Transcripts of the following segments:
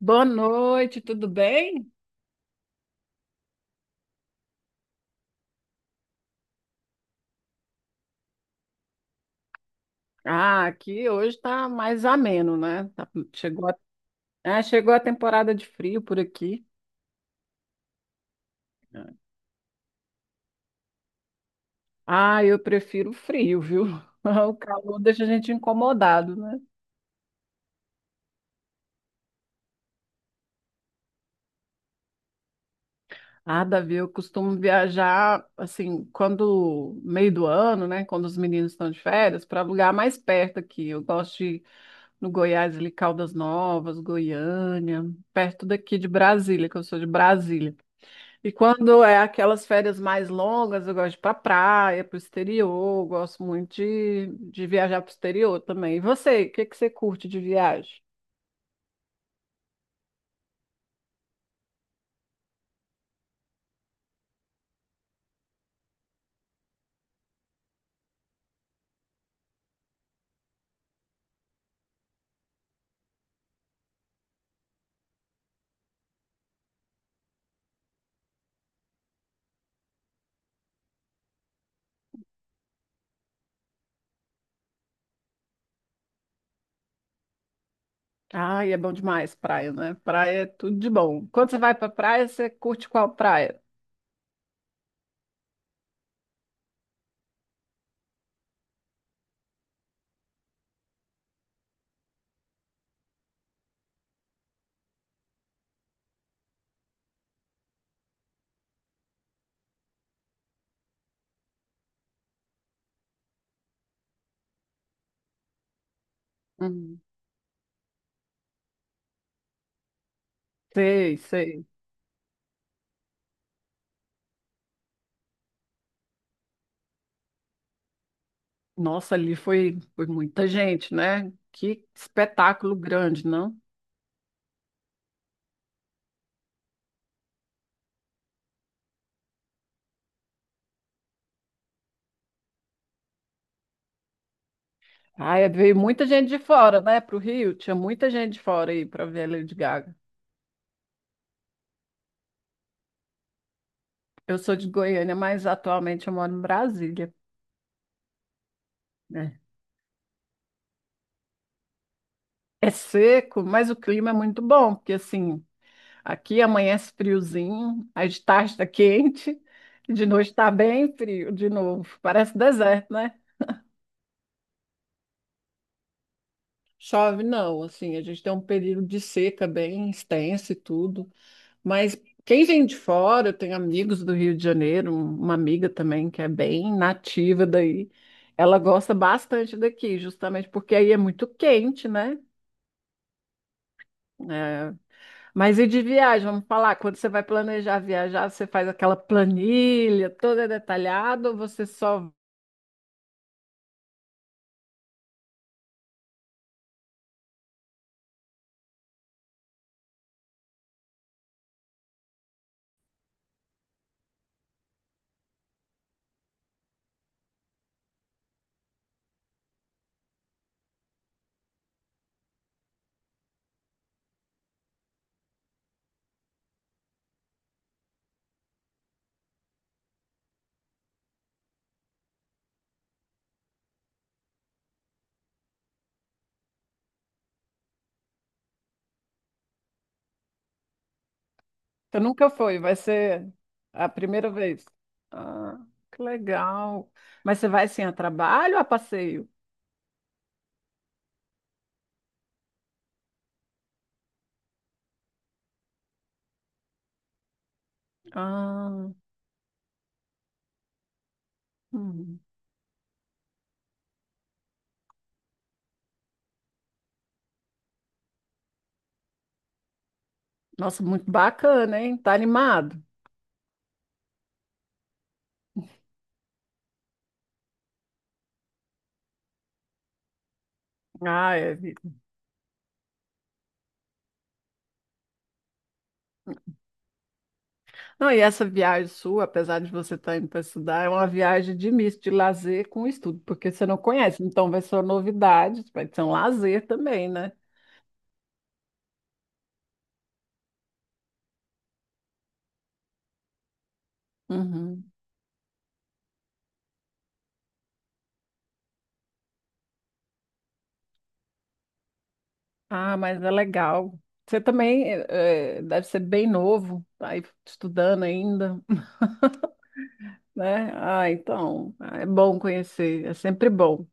Boa noite, tudo bem? Ah, aqui hoje tá mais ameno, né? Chegou a, Chegou a temporada de frio por aqui. Ah, eu prefiro o frio, viu? O calor deixa a gente incomodado, né? Ah, Davi, eu costumo viajar assim, quando meio do ano, né? Quando os meninos estão de férias, para lugar mais perto aqui. Eu gosto de ir no Goiás, ali, Caldas Novas, Goiânia, perto daqui de Brasília, que eu sou de Brasília. E quando é aquelas férias mais longas, eu gosto de ir para praia, para o exterior, eu gosto muito de viajar para o exterior também. E você, o que que você curte de viagem? Ai, é bom demais praia, né? Praia é tudo de bom. Quando você vai para praia, você curte qual praia? Hum, sei, sei. Nossa, ali foi muita gente, né? Que espetáculo grande, não? Ai, veio muita gente de fora, né? Pro Rio, tinha muita gente de fora aí para ver a Lady Gaga. Eu sou de Goiânia, mas atualmente eu moro em Brasília, né? É seco, mas o clima é muito bom, porque assim, aqui amanhece friozinho, aí de tarde está quente, e de noite está bem frio de novo. Parece deserto, né? Chove não, assim, a gente tem um período de seca bem extenso e tudo, mas quem vem de fora, eu tenho amigos do Rio de Janeiro, uma amiga também que é bem nativa daí, ela gosta bastante daqui, justamente porque aí é muito quente, né? É, mas e de viagem, vamos falar, quando você vai planejar viajar, você faz aquela planilha toda detalhada ou você só... Você nunca foi, vai ser a primeira vez. Ah, que legal. Mas você vai assim a trabalho ou a passeio? Ah, hum. Nossa, muito bacana, hein? Tá animado? Ah, é. Não, e essa viagem sua, apesar de você estar indo para estudar, é uma viagem de misto, de lazer com estudo, porque você não conhece, então vai ser uma novidade, vai ser um lazer também, né? Uhum. Ah, mas é legal. Você também deve ser bem novo, tá aí estudando ainda, né? Ah, então, ah, é bom conhecer, é sempre bom.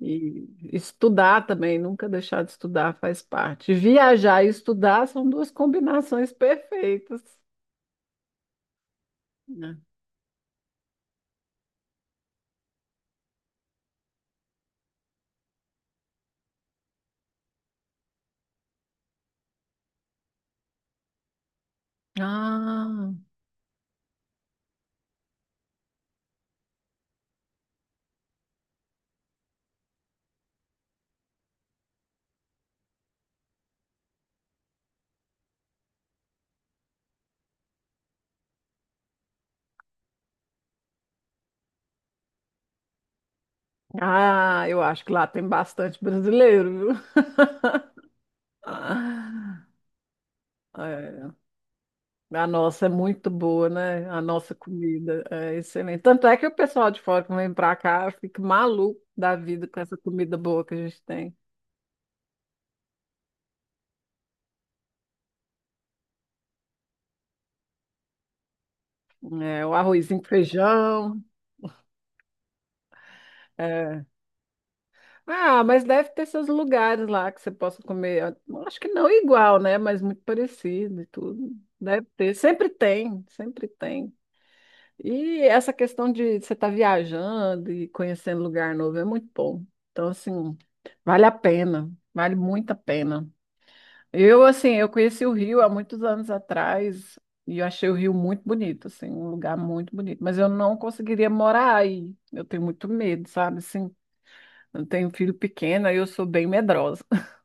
E estudar também, nunca deixar de estudar faz parte. Viajar e estudar são duas combinações perfeitas, né? Ah, Ah, eu acho que lá tem bastante brasileiro, viu? Ah, é. A nossa é muito boa, né? A nossa comida é excelente. Tanto é que o pessoal de fora que vem pra cá fica maluco da vida com essa comida boa que a gente tem. É, o arrozinho com feijão. É. Ah, mas deve ter seus lugares lá que você possa comer. Eu acho que não igual, né? Mas muito parecido e tudo. Deve ter. Sempre tem, sempre tem. E essa questão de você estar viajando e conhecendo lugar novo é muito bom. Então, assim, vale a pena, vale muito a pena. Eu, assim, eu conheci o Rio há muitos anos atrás e eu achei o Rio muito bonito, assim, um lugar muito bonito. Mas eu não conseguiria morar aí. Eu tenho muito medo, sabe? Assim, eu tenho um filho pequeno, aí eu sou bem medrosa.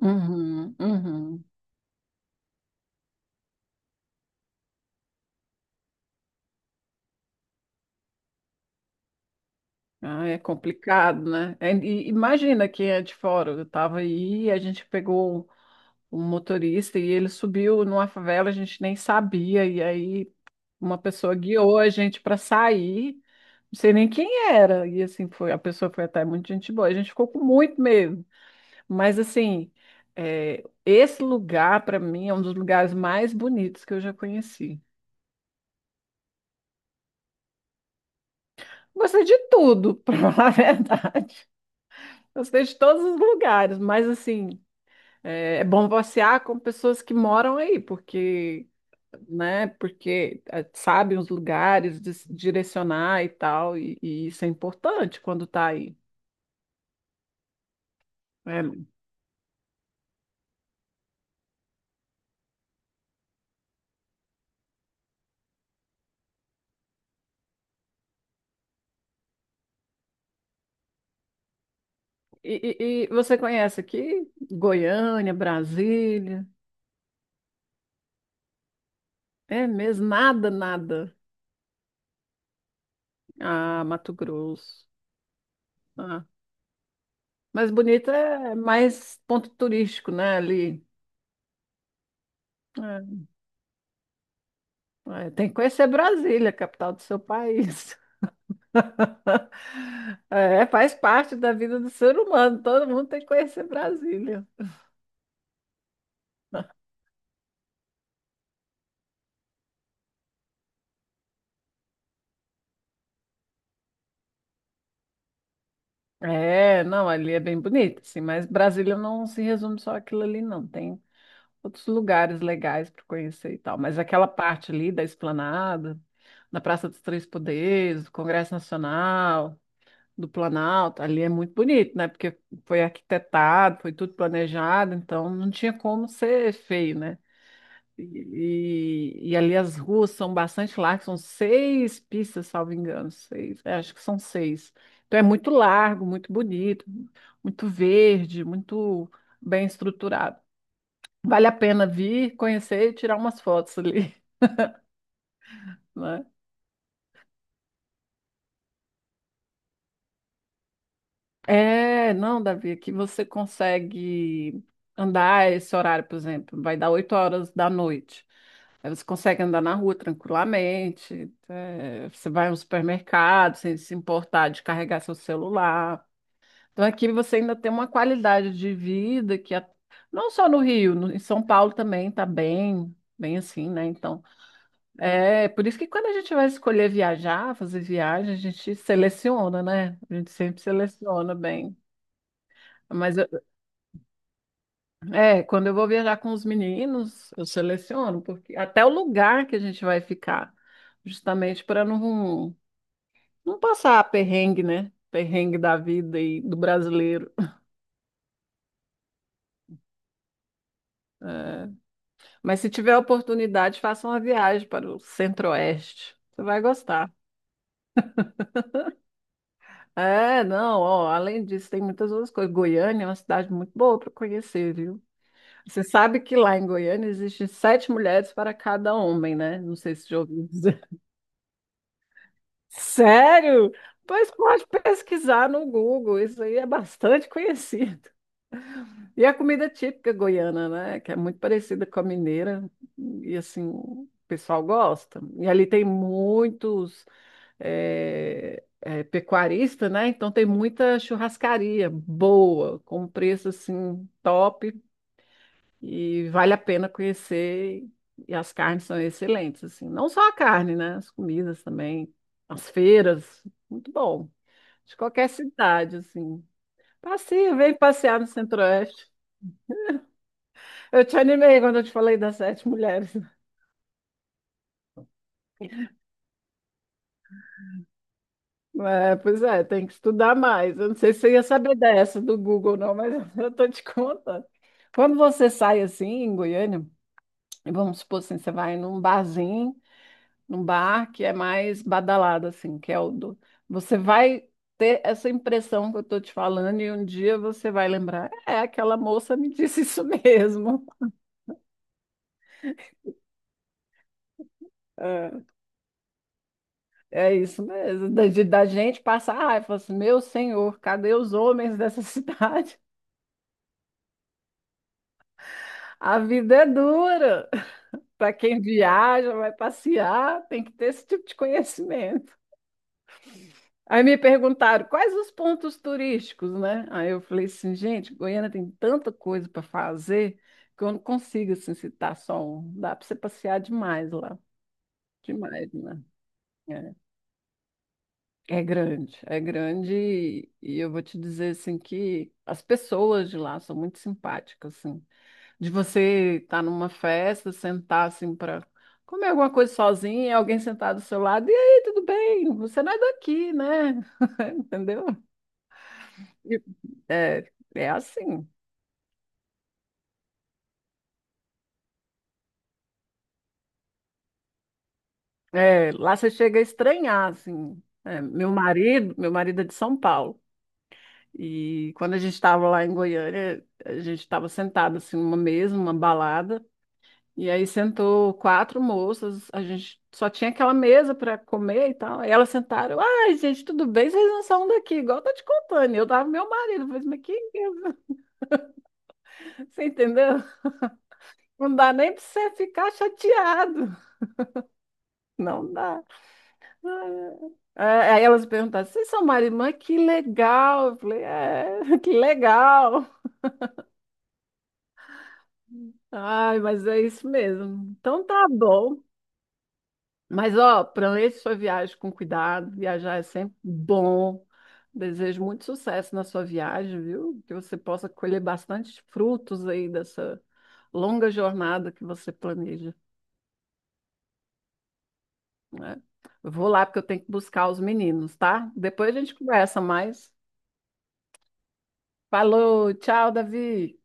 Uhum, uhum. Ah, é complicado, né? É, e imagina quem é de fora. Eu estava aí, e a gente pegou um motorista e ele subiu numa favela, a gente nem sabia, e aí uma pessoa guiou a gente para sair, não sei nem quem era, e assim foi, a pessoa foi até muito gente boa, a gente ficou com muito medo, mas assim, é, esse lugar para mim é um dos lugares mais bonitos que eu já conheci. Gostei de tudo, para falar a verdade. Gostei de todos os lugares, mas assim, é bom passear com pessoas que moram aí, porque né? Porque eh, sabe os lugares, direcionar e tal, e isso é importante quando está aí, né? E, e você conhece aqui Goiânia, Brasília? É mesmo? Nada, nada. Ah, Mato Grosso. Ah, mas bonito é mais ponto turístico, né? Ali. É, é, tem que conhecer Brasília, a capital do seu país. É, faz parte da vida do ser humano. Todo mundo tem que conhecer Brasília. É, não, ali é bem bonito, assim, mas Brasília não se resume só aquilo ali, não. Tem outros lugares legais para conhecer e tal. Mas aquela parte ali da Esplanada, da Praça dos Três Poderes, do Congresso Nacional, do Planalto, ali é muito bonito, né? Porque foi arquitetado, foi tudo planejado, então não tinha como ser feio, né? E ali as ruas são bastante largas, são 6 pistas, salvo engano, seis, é, acho que são seis. Então é muito largo, muito bonito, muito verde, muito bem estruturado. Vale a pena vir, conhecer e tirar umas fotos ali, né? É, não, Davi, aqui você consegue andar esse horário, por exemplo, vai dar 8 horas da noite. Aí você consegue andar na rua tranquilamente, eh, você vai a um supermercado sem se importar de carregar seu celular. Então aqui você ainda tem uma qualidade de vida não só no Rio, em São Paulo também está bem, bem assim, né? Então é por isso que quando a gente vai escolher viajar, fazer viagem, a gente seleciona, né? A gente sempre seleciona bem. Mas é, quando eu vou viajar com os meninos, eu seleciono, porque até o lugar que a gente vai ficar, justamente para não, não passar perrengue, né? Perrengue da vida e do brasileiro. É. Mas se tiver oportunidade, faça uma viagem para o Centro-Oeste. Você vai gostar. É, não, ó, além disso, tem muitas outras coisas. Goiânia é uma cidade muito boa para conhecer, viu? Você sabe que lá em Goiânia existem 7 mulheres para cada homem, né? Não sei se já ouviu dizer. Sério? Pois pode pesquisar no Google, isso aí é bastante conhecido. E a comida típica goiana, né? Que é muito parecida com a mineira, e assim, o pessoal gosta. E ali tem muitos pecuaristas, né? Então tem muita churrascaria boa, com um preço assim top, e vale a pena conhecer. E as carnes são excelentes, assim. Não só a carne, né? As comidas também, as feiras, muito bom de qualquer cidade, assim. Passeio, vem passear no Centro-Oeste. Eu te animei quando eu te falei das 7 mulheres, né? É, pois é, tem que estudar mais. Eu não sei se você ia saber dessa do Google, não, mas eu tô te contando. Quando você sai assim em Goiânia, e vamos supor assim, você vai num barzinho, num bar que é mais badalado, assim, que é o do. Você vai ter essa impressão que eu tô te falando, e um dia você vai lembrar, é, aquela moça me disse isso mesmo. É isso mesmo, da gente passar raiva, falar assim, meu senhor, cadê os homens dessa cidade? A vida é dura. Para quem viaja, vai passear, tem que ter esse tipo de conhecimento. Aí me perguntaram quais os pontos turísticos, né? Aí eu falei assim, gente, Goiânia tem tanta coisa para fazer que eu não consigo assim, citar só um. Dá para você passear demais lá, demais, né? É. É grande e eu vou te dizer assim que as pessoas de lá são muito simpáticas assim. De você estar numa festa, sentar assim para comer alguma coisa sozinha, e alguém sentar do seu lado, e aí, tudo bem? Você não é daqui, né? Entendeu? E- É, é assim. É, lá você chega a estranhar assim. É, meu marido é de São Paulo. E quando a gente estava lá em Goiânia, a gente estava sentado assim numa mesa, numa balada. E aí sentou 4 moças, a gente só tinha aquela mesa para comer e tal. Aí elas sentaram, ai, gente, tudo bem, vocês não são daqui, igual eu tô te contando. E eu tava com meu marido, eu falei, mas que. Você entendeu? Não dá nem para você ficar chateado. Não dá. É, aí elas perguntaram, vocês são marido e mãe? Que legal. Eu falei, é, que legal. Ai, mas é isso mesmo. Então tá bom. Mas, ó, planeje sua viagem com cuidado. Viajar é sempre bom. Desejo muito sucesso na sua viagem, viu? Que você possa colher bastante frutos aí dessa longa jornada que você planeja, né? Eu vou lá porque eu tenho que buscar os meninos, tá? Depois a gente conversa mais. Falou, tchau, Davi.